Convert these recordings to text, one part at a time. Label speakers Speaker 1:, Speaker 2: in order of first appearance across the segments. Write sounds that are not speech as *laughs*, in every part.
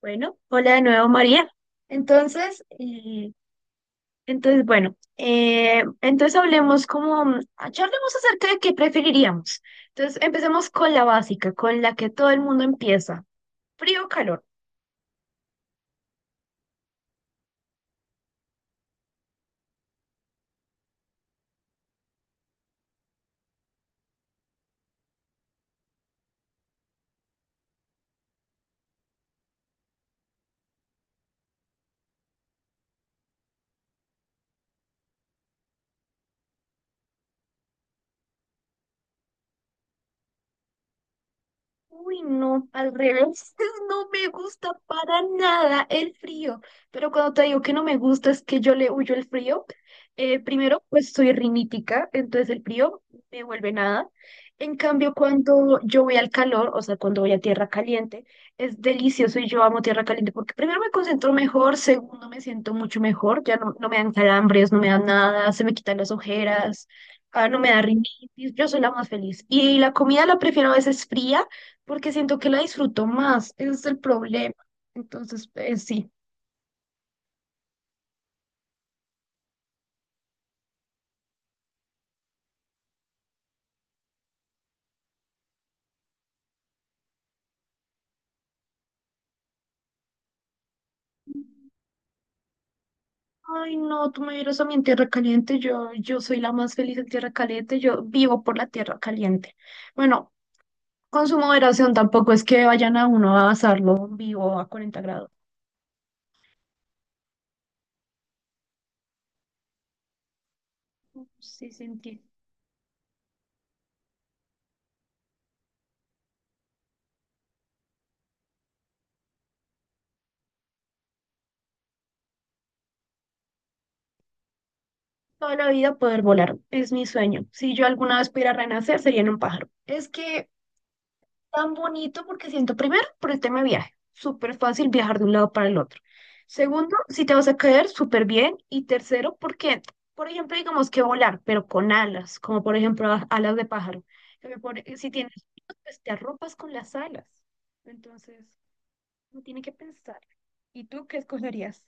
Speaker 1: Bueno, hola de nuevo María. Entonces, eh, entonces bueno, entonces hablemos charlemos acerca de qué preferiríamos. Entonces, empecemos con la básica, con la que todo el mundo empieza, frío o calor. Uy, no, al revés, *laughs* no me gusta para nada el frío, pero cuando te digo que no me gusta es que yo le huyo el frío. Primero, pues soy rinítica, entonces el frío me vuelve nada. En cambio, cuando yo voy al calor, o sea, cuando voy a tierra caliente, es delicioso y yo amo tierra caliente porque primero me concentro mejor, segundo me siento mucho mejor, ya no, no me dan calambres, no me dan nada, se me quitan las ojeras, ah, no me da rinitis, yo soy la más feliz. Y la comida la prefiero a veces fría porque siento que la disfruto más, ese es el problema. Entonces, sí. Ay, no, tú me vieras a mí en tierra caliente, yo soy la más feliz en tierra caliente, yo vivo por la tierra caliente. Bueno, con su moderación tampoco es que vayan a uno a asarlo vivo a 40 grados. No, sí, sentí. Toda la vida poder volar es mi sueño. Si yo alguna vez pudiera renacer, sería en un pájaro. Es que tan bonito porque siento, primero, por el tema de viaje, súper fácil viajar de un lado para el otro. Segundo, si te vas a caer, súper bien. Y tercero, porque, por ejemplo, digamos que volar, pero con alas, como por ejemplo alas de pájaro. Si tienes, frío, pues te arropas con las alas. Entonces, no tiene que pensar. ¿Y tú qué escogerías?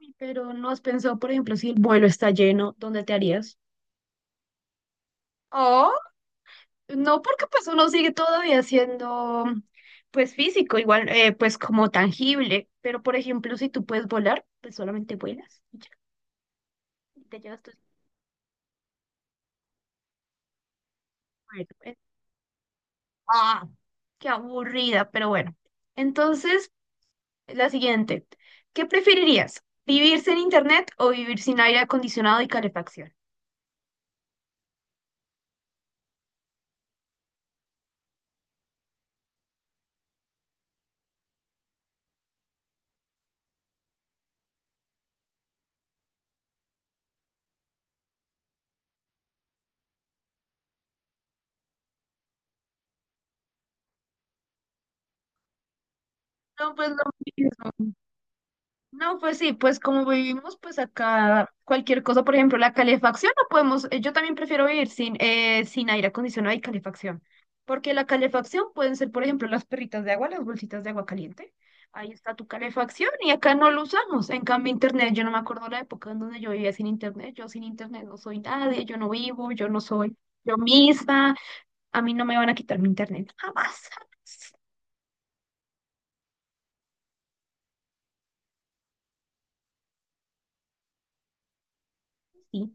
Speaker 1: Uy, pero no has pensado, por ejemplo, si el vuelo está lleno, ¿dónde te harías? No, porque pues uno sigue todavía siendo pues físico, igual pues como tangible, pero por ejemplo si tú puedes volar, pues solamente vuelas y ya, y te llevas tu... Bueno, ah, qué aburrida, pero bueno. Entonces, la siguiente, ¿qué preferirías? ¿Vivir sin internet o vivir sin aire acondicionado y calefacción? No, pues lo mismo. No, pues sí, pues como vivimos, pues acá cualquier cosa, por ejemplo, la calefacción, no podemos, yo también prefiero vivir sin, sin aire acondicionado y calefacción, porque la calefacción pueden ser, por ejemplo, las perritas de agua, las bolsitas de agua caliente, ahí está tu calefacción y acá no lo usamos, en cambio internet, yo no me acuerdo la época en donde yo vivía sin internet, yo sin internet no soy nadie, yo no vivo, yo no soy yo misma, a mí no me van a quitar mi internet, jamás, jamás. Sí.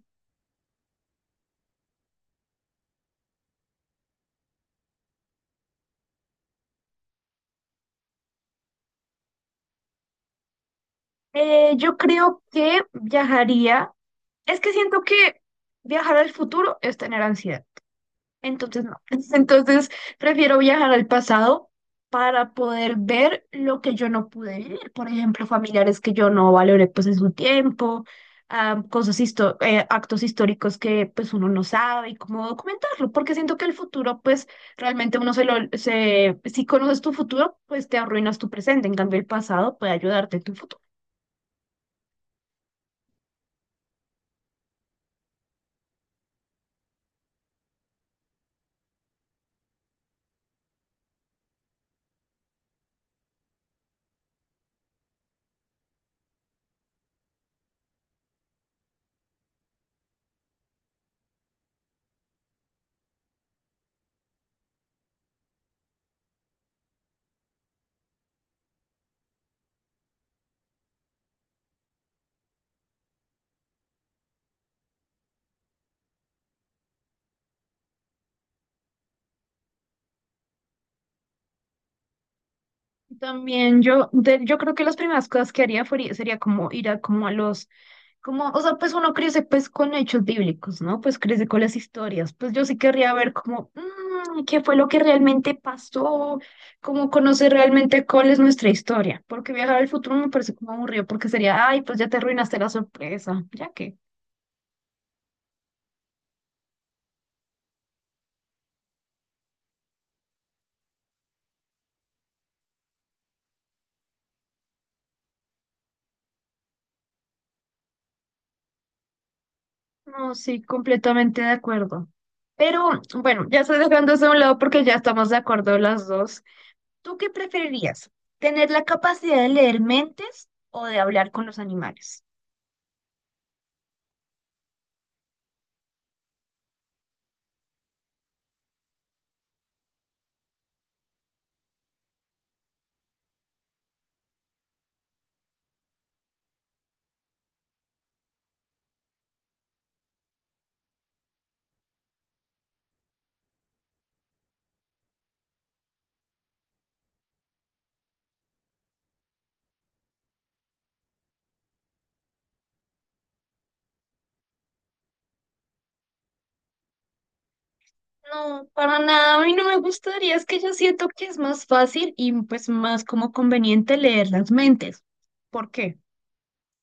Speaker 1: Yo creo que viajaría. Es que siento que viajar al futuro es tener ansiedad. Entonces, no. *laughs* Entonces, prefiero viajar al pasado para poder ver lo que yo no pude vivir. Por ejemplo, familiares que yo no valoré pues en su tiempo, ah, actos históricos que pues uno no sabe y cómo documentarlo. Porque siento que el futuro pues realmente uno se lo, se, si conoces tu futuro, pues te arruinas tu presente. En cambio, el pasado puede ayudarte en tu futuro. También yo, yo creo que las primeras cosas que haría sería como ir a como a los, como, o sea, pues uno crece pues con hechos bíblicos, ¿no? Pues crece con las historias. Pues yo sí querría ver qué fue lo que realmente pasó, como conocer realmente cuál es nuestra historia. Porque viajar al futuro me parece como aburrido, porque sería, ay, pues ya te arruinaste la sorpresa, ya que. No, sí, completamente de acuerdo. Pero bueno, ya estoy dejando eso a un lado porque ya estamos de acuerdo las dos. ¿Tú qué preferirías? ¿Tener la capacidad de leer mentes o de hablar con los animales? No, para nada, a mí no me gustaría, es que yo siento que es más fácil y pues más como conveniente leer las mentes. ¿Por qué?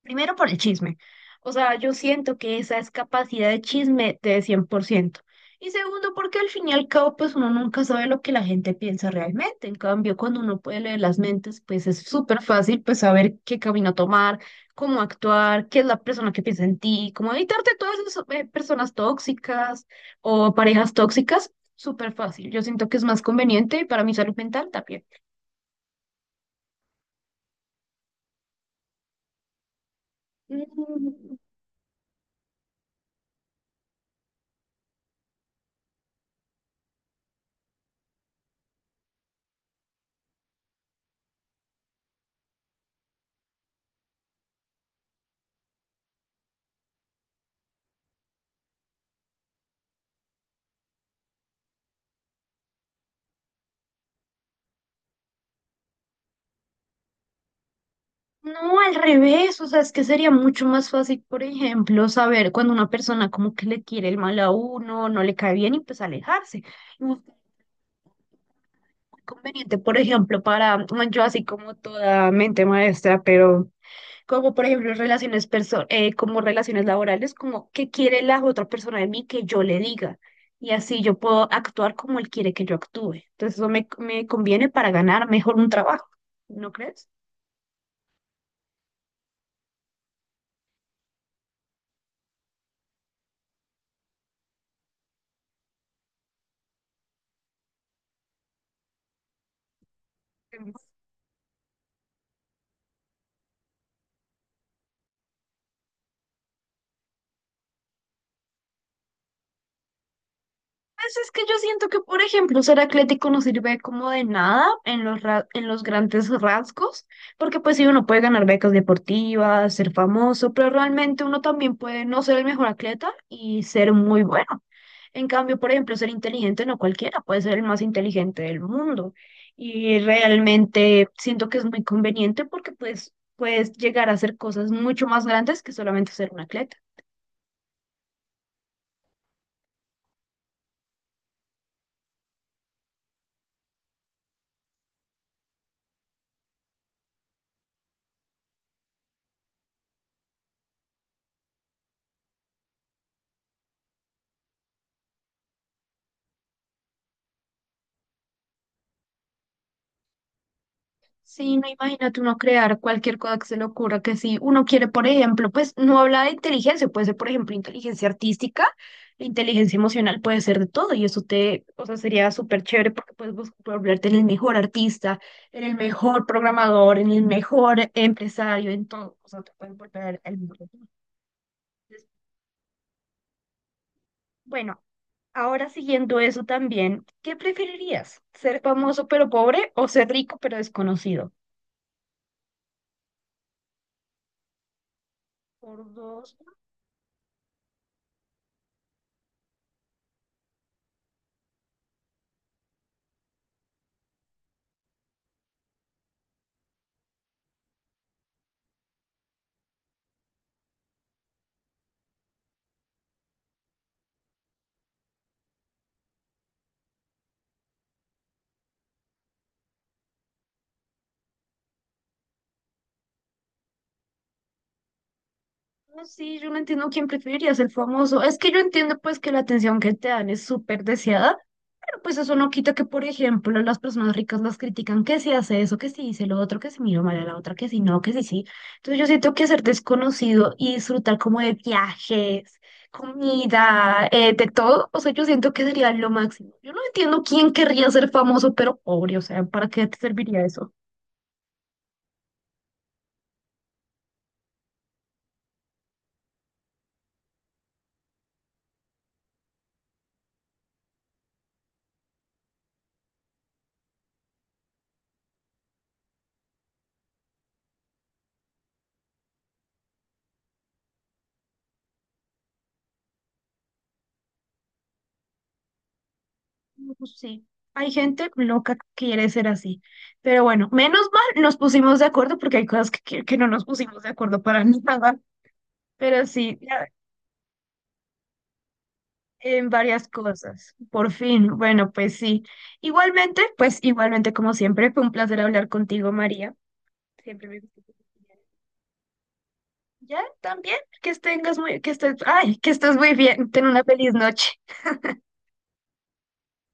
Speaker 1: Primero por el chisme. O sea, yo siento que esa es capacidad de chisme de 100%. Y segundo, porque al fin y al cabo, pues uno nunca sabe lo que la gente piensa realmente. En cambio, cuando uno puede leer las mentes, pues es súper fácil, pues saber qué camino tomar, cómo actuar, qué es la persona que piensa en ti, cómo evitarte todas esas personas tóxicas o parejas tóxicas. Súper fácil. Yo siento que es más conveniente para mi salud mental también. Mm, no, al revés, o sea, es que sería mucho más fácil, por ejemplo, saber cuando una persona como que le quiere el mal a uno, no le cae bien y pues alejarse. Y muy conveniente, por ejemplo, para bueno, yo así como toda mente maestra, pero como por ejemplo relaciones perso como relaciones laborales, como que quiere la otra persona de mí que yo le diga y así yo puedo actuar como él quiere que yo actúe. Entonces me conviene para ganar mejor un trabajo, ¿no crees? Pues es que yo siento que, por ejemplo, ser atlético no sirve como de nada en en los grandes rasgos, porque pues sí, uno puede ganar becas deportivas, ser famoso, pero realmente uno también puede no ser el mejor atleta y ser muy bueno. En cambio, por ejemplo, ser inteligente no cualquiera, puede ser el más inteligente del mundo. Y realmente siento que es muy conveniente porque pues puedes llegar a hacer cosas mucho más grandes que solamente ser un atleta. Sí, no imagínate uno crear cualquier cosa que se le ocurra, que si uno quiere, por ejemplo, pues no habla de inteligencia, puede ser, por ejemplo, inteligencia artística, inteligencia emocional, puede ser de todo, y eso te, o sea, sería súper chévere porque puedes volverte en el mejor artista, en el mejor programador, en el mejor empresario, en todo, o sea, te puedes volver el mejor. Bueno, ahora siguiendo eso también, ¿qué preferirías? ¿Ser famoso pero pobre o ser rico pero desconocido? Por dos. No, sí, yo no entiendo quién preferiría ser famoso. Es que yo entiendo pues que la atención que te dan es súper deseada, pero pues eso no quita que, por ejemplo, las personas ricas las critican que si hace eso, que si dice lo otro, que si mira mal a la otra, que si no, que si sí. Entonces yo siento que ser desconocido y disfrutar como de viajes, comida, de todo, o sea, yo siento que sería lo máximo. Yo no entiendo quién querría ser famoso, pero pobre, o sea, ¿para qué te serviría eso? No, pues sí, hay gente loca que quiere ser así. Pero bueno, menos mal nos pusimos de acuerdo porque hay cosas que no nos pusimos de acuerdo para *laughs* nada. Pero sí, ya, en varias cosas. Por fin, bueno, pues sí. Igualmente, pues igualmente como siempre, fue un placer hablar contigo, María. Siempre me gusta. Ya, también, que estés, ay, que estés muy bien. Ten una feliz noche.